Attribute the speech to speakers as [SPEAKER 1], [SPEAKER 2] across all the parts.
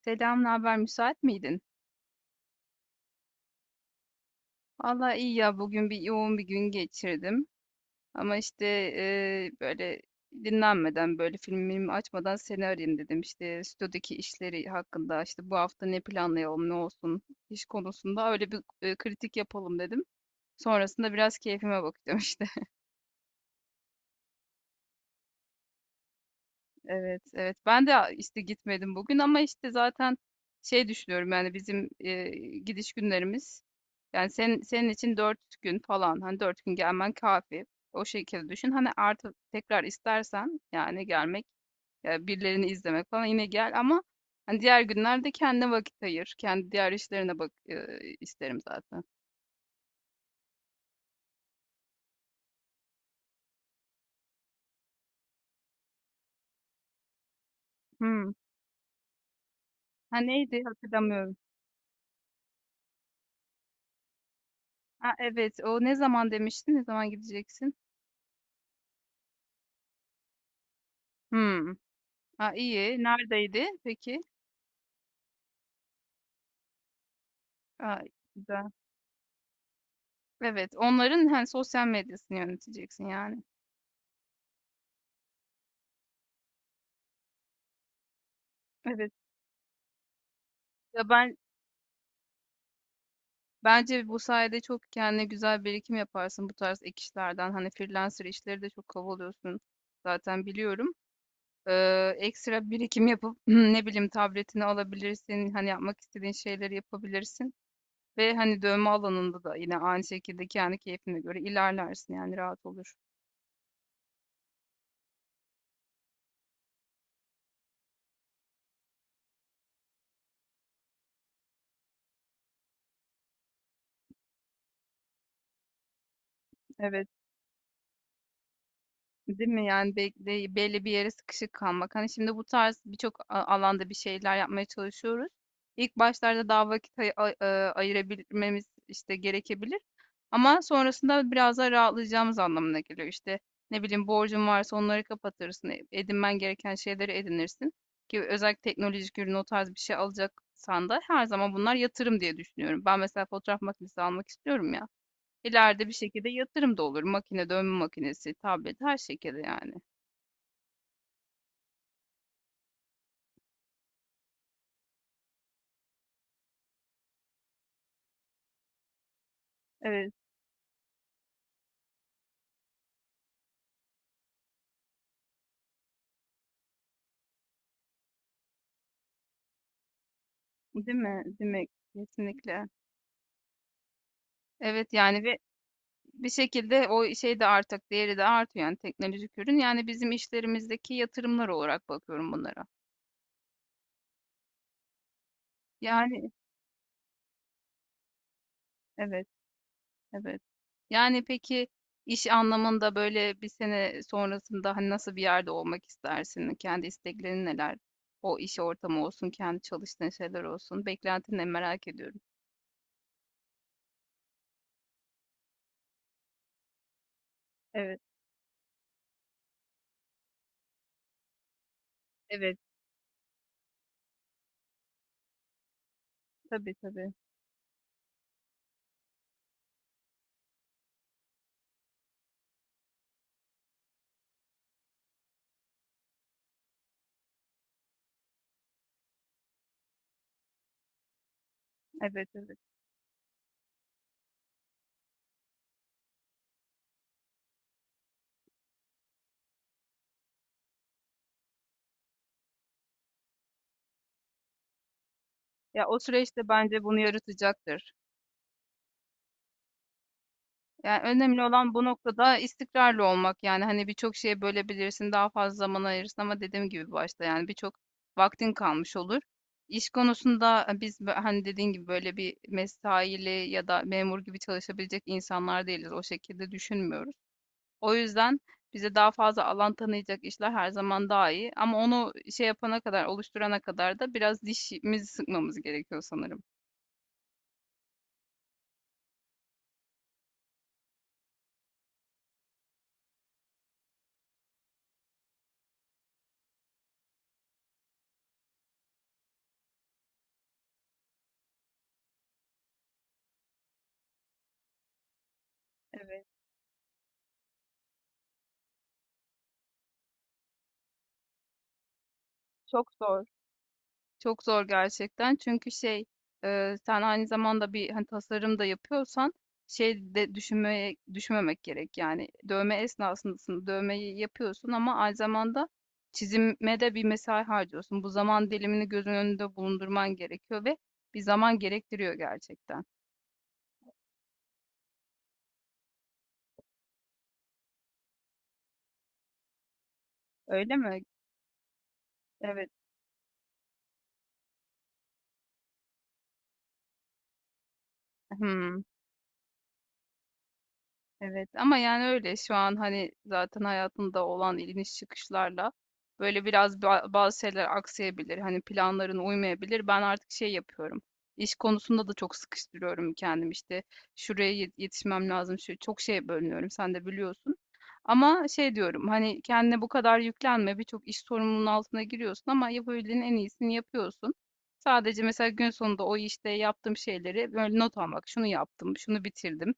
[SPEAKER 1] Selam, ne haber? Müsait miydin? Vallahi iyi ya, bugün yoğun bir gün geçirdim. Ama işte böyle dinlenmeden, böyle filmimi açmadan seni arayayım dedim. İşte stüdyodaki işleri hakkında, işte bu hafta ne planlayalım, ne olsun iş konusunda öyle bir kritik yapalım dedim. Sonrasında biraz keyfime bakacağım işte. Evet, evet. Ben de işte gitmedim bugün ama işte zaten şey düşünüyorum, yani bizim gidiş günlerimiz, yani senin için dört gün falan, hani dört gün gelmen kafi. O şekilde düşün. Hani artı tekrar istersen, yani gelmek ya birilerini izlemek falan, yine gel ama hani diğer günlerde kendine vakit ayır. Kendi diğer işlerine bak, isterim zaten. Hmm. Ha, neydi hatırlamıyorum. Ha, evet, o ne zaman demiştin? Ne zaman gideceksin? Hmm. Ha, iyi. Neredeydi peki? Ha, güzel. Evet. Onların hani sosyal medyasını yöneteceksin yani. Evet. Ya, bence bu sayede çok kendine güzel birikim yaparsın bu tarz ek işlerden. Hani freelancer işleri de çok kovalıyorsun. Zaten biliyorum. Ekstra birikim yapıp ne bileyim tabletini alabilirsin. Hani yapmak istediğin şeyleri yapabilirsin. Ve hani dövme alanında da yine aynı şekilde kendi keyfine göre ilerlersin, yani rahat olur. Evet. Değil mi? Yani belli bir yere sıkışık kalmak. Hani şimdi bu tarz birçok alanda bir şeyler yapmaya çalışıyoruz. İlk başlarda daha vakit ayırabilmemiz işte gerekebilir. Ama sonrasında biraz daha rahatlayacağımız anlamına geliyor. İşte ne bileyim, borcun varsa onları kapatırsın. Edinmen gereken şeyleri edinirsin. Ki özellikle teknolojik ürün, o tarz bir şey alacaksan da her zaman bunlar yatırım diye düşünüyorum. Ben mesela fotoğraf makinesi almak istiyorum ya. İleride bir şekilde yatırım da olur. Makine, dövme makinesi, tablet, her şekilde yani. Evet, değil mi? Değil mi? Kesinlikle. Evet yani, ve bir şekilde o şey de artık değeri de artıyor, yani teknolojik ürün. Yani bizim işlerimizdeki yatırımlar olarak bakıyorum bunlara. Yani evet, evet. Yani peki, iş anlamında böyle bir sene sonrasında hani nasıl bir yerde olmak istersin? Kendi isteklerin neler? O iş ortamı olsun, kendi çalıştığın şeyler olsun. Beklentini merak ediyorum. Evet, evet. Tabii, tabii. Evet, evet. Ya, o süreçte bence bunu yaratacaktır. Yani önemli olan bu noktada istikrarlı olmak. Yani hani birçok şeye bölebilirsin, daha fazla zaman ayırırsın, ama dediğim gibi başta, yani birçok vaktin kalmış olur. İş konusunda biz hani dediğin gibi böyle bir mesaili ya da memur gibi çalışabilecek insanlar değiliz. O şekilde düşünmüyoruz. O yüzden bize daha fazla alan tanıyacak işler her zaman daha iyi. Ama onu şey yapana kadar, oluşturana kadar da biraz dişimizi sıkmamız gerekiyor sanırım. Evet. Çok zor. Çok zor gerçekten. Çünkü şey, sen aynı zamanda bir hani tasarım da yapıyorsan, şey de düşünmeye düşünmemek gerek. Yani dövme esnasındasın. Dövmeyi yapıyorsun ama aynı zamanda çizime de bir mesai harcıyorsun. Bu zaman dilimini gözün önünde bulundurman gerekiyor ve bir zaman gerektiriyor gerçekten. Öyle mi? Evet. Hmm. Evet, ama yani öyle şu an hani zaten hayatında olan iniş çıkışlarla böyle biraz bazı şeyler aksayabilir. Hani planların uymayabilir. Ben artık şey yapıyorum. İş konusunda da çok sıkıştırıyorum kendim işte. Şuraya yetişmem lazım. Şu çok şeye bölünüyorum. Sen de biliyorsun. Ama şey diyorum, hani kendine bu kadar yüklenme. Birçok iş sorumluluğunun altına giriyorsun ama yapabildiğin en iyisini yapıyorsun. Sadece mesela gün sonunda o işte yaptığım şeyleri böyle not almak. Şunu yaptım, şunu bitirdim,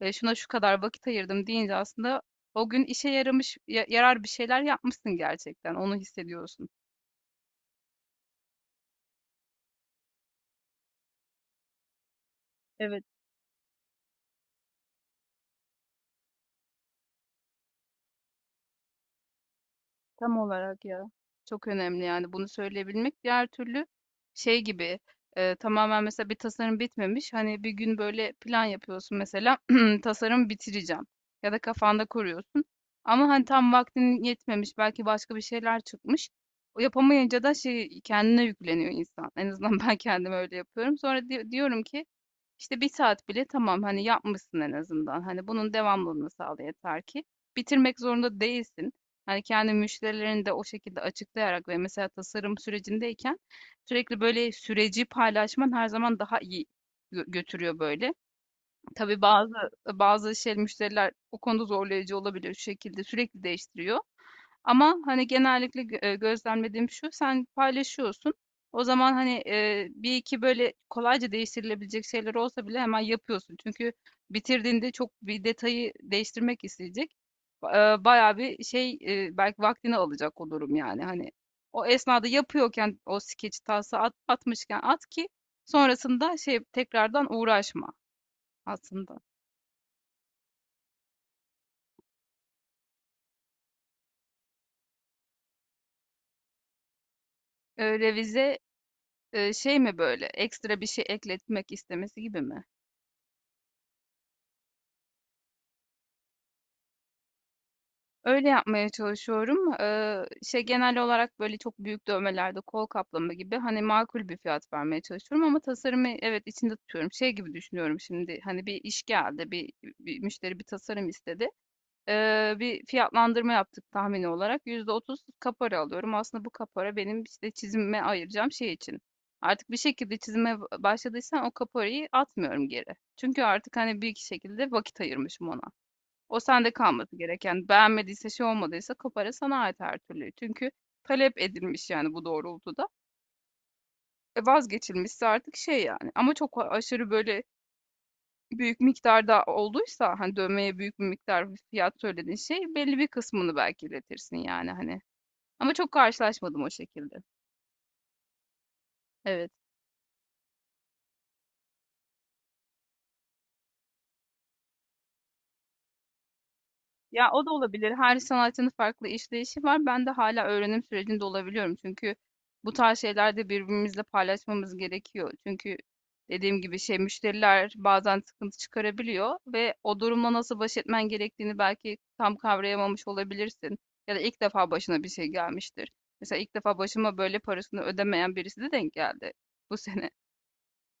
[SPEAKER 1] şuna şu kadar vakit ayırdım deyince aslında o gün işe yaramış, yarar bir şeyler yapmışsın gerçekten. Onu hissediyorsun. Evet, tam olarak ya. Çok önemli yani bunu söyleyebilmek. Diğer türlü şey gibi, tamamen mesela bir tasarım bitmemiş. Hani bir gün böyle plan yapıyorsun mesela tasarım bitireceğim ya da kafanda kuruyorsun. Ama hani tam vaktin yetmemiş, belki başka bir şeyler çıkmış. O yapamayınca da şey kendine yükleniyor insan. En azından ben kendim öyle yapıyorum. Sonra diyorum ki, İşte bir saat bile tamam, hani, yapmışsın en azından. Hani bunun devamlılığını sağla, yeter ki bitirmek zorunda değilsin. Hani kendi müşterilerini de o şekilde açıklayarak, ve mesela tasarım sürecindeyken sürekli böyle süreci paylaşman her zaman daha iyi götürüyor böyle. Tabii bazı şey müşteriler o konuda zorlayıcı olabiliyor, şu şekilde sürekli değiştiriyor. Ama hani genellikle gözlemlediğim şu, sen paylaşıyorsun. O zaman hani bir iki böyle kolayca değiştirilebilecek şeyler olsa bile hemen yapıyorsun. Çünkü bitirdiğinde çok bir detayı değiştirmek isteyecek. Bayağı bir şey, belki vaktini alacak o durum yani. Hani o esnada yapıyorken o skeç tası atmışken at ki sonrasında şey tekrardan uğraşma aslında. Revize, şey mi böyle, ekstra bir şey ekletmek istemesi gibi mi? Öyle yapmaya çalışıyorum. Şey, genel olarak böyle çok büyük dövmelerde kol kaplama gibi hani makul bir fiyat vermeye çalışıyorum ama tasarımı, evet, içinde tutuyorum. Şey gibi düşünüyorum, şimdi hani bir iş geldi, bir müşteri bir tasarım istedi. Bir fiyatlandırma yaptık tahmini olarak. %30 kapora alıyorum. Aslında bu kapora benim işte çizime ayıracağım şey için. Artık bir şekilde çizime başladıysam o kaporayı atmıyorum geri. Çünkü artık hani bir iki şekilde vakit ayırmışım ona. O sende kalması gereken. Beğenmediyse, şey olmadıysa, kapora sana ait her türlü. Çünkü talep edilmiş yani bu doğrultuda. E, vazgeçilmişse artık şey yani. Ama çok aşırı böyle büyük miktarda olduysa, hani, dövmeye büyük bir miktar bir fiyat söylediğin şey, belli bir kısmını belki iletirsin yani, hani. Ama çok karşılaşmadım o şekilde. Evet. Ya, o da olabilir. Her sanatçının farklı işleyişi var. Ben de hala öğrenim sürecinde olabiliyorum. Çünkü bu tarz şeyler de birbirimizle paylaşmamız gerekiyor. Çünkü dediğim gibi şey müşteriler bazen sıkıntı çıkarabiliyor ve o durumla nasıl baş etmen gerektiğini belki tam kavrayamamış olabilirsin. Ya da ilk defa başına bir şey gelmiştir. Mesela ilk defa başıma böyle parasını ödemeyen birisi de denk geldi bu sene.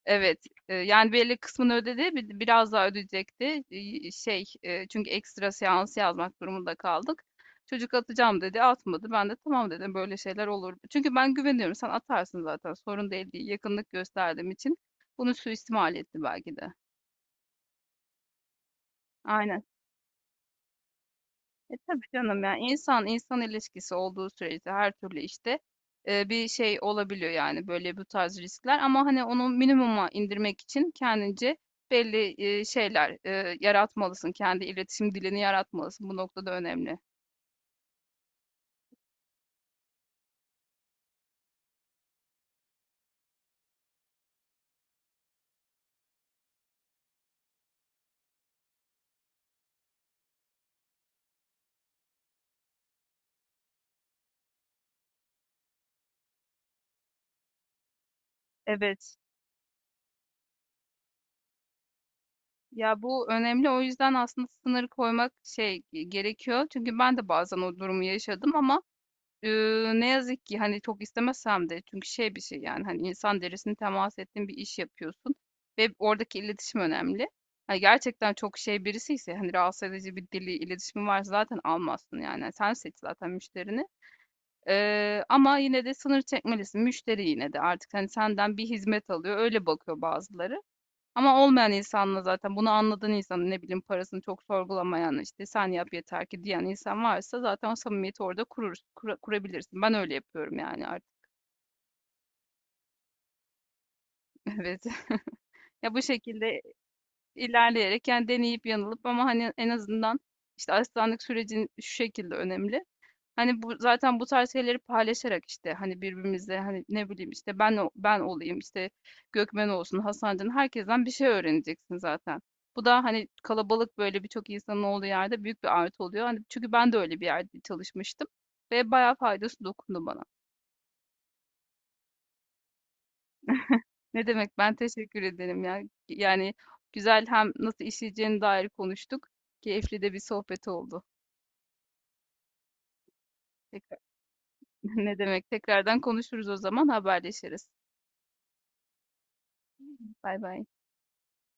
[SPEAKER 1] Evet, yani belli kısmını ödedi, biraz daha ödeyecekti. Şey, çünkü ekstra seans yazmak durumunda kaldık. Çocuk atacağım dedi, atmadı. Ben de tamam dedim, böyle şeyler olur. Çünkü ben güveniyorum, sen atarsın zaten, sorun değil diye yakınlık gösterdiğim için bunu suistimal etti belki de. Aynen. E, tabii canım, yani insan insan ilişkisi olduğu sürece her türlü işte bir şey olabiliyor, yani böyle bu tarz riskler, ama hani onu minimuma indirmek için kendince belli şeyler yaratmalısın. Kendi iletişim dilini yaratmalısın. Bu noktada önemli. Evet. Ya, bu önemli. O yüzden aslında sınır koymak şey gerekiyor. Çünkü ben de bazen o durumu yaşadım ama ne yazık ki hani çok istemesem de, çünkü şey bir şey yani, hani insan derisine temas ettiğin bir iş yapıyorsun ve oradaki iletişim önemli. Hani gerçekten çok şey birisi ise, hani rahatsız edici bir dili, iletişimi varsa zaten almazsın yani. Yani sen seç zaten müşterini. Ama yine de sınır çekmelisin. Müşteri yine de artık hani senden bir hizmet alıyor, öyle bakıyor bazıları. Ama olmayan insanla zaten, bunu anladığın insan ne bileyim, parasını çok sorgulamayan, işte sen yap yeter ki diyen insan varsa, zaten o samimiyeti orada kurabilirsin. Ben öyle yapıyorum yani artık. Evet. Ya bu şekilde ilerleyerek, yani deneyip yanılıp, ama hani en azından işte asistanlık sürecin şu şekilde önemli. Hani bu zaten bu tarz şeyleri paylaşarak, işte hani birbirimizle, hani ne bileyim işte, ben olayım işte, Gökmen olsun, Hasancan, herkesten bir şey öğreneceksin zaten. Bu da hani kalabalık, böyle birçok insanın olduğu yerde büyük bir artı oluyor. Hani çünkü ben de öyle bir yerde çalışmıştım ve bayağı faydası dokundu bana. Ne demek, ben teşekkür ederim ya. Yani güzel, hem nasıl işleyeceğine dair konuştuk. Keyifli de bir sohbet oldu. Tekrar, ne demek, tekrardan konuşuruz o zaman, haberleşiriz. Bay bay.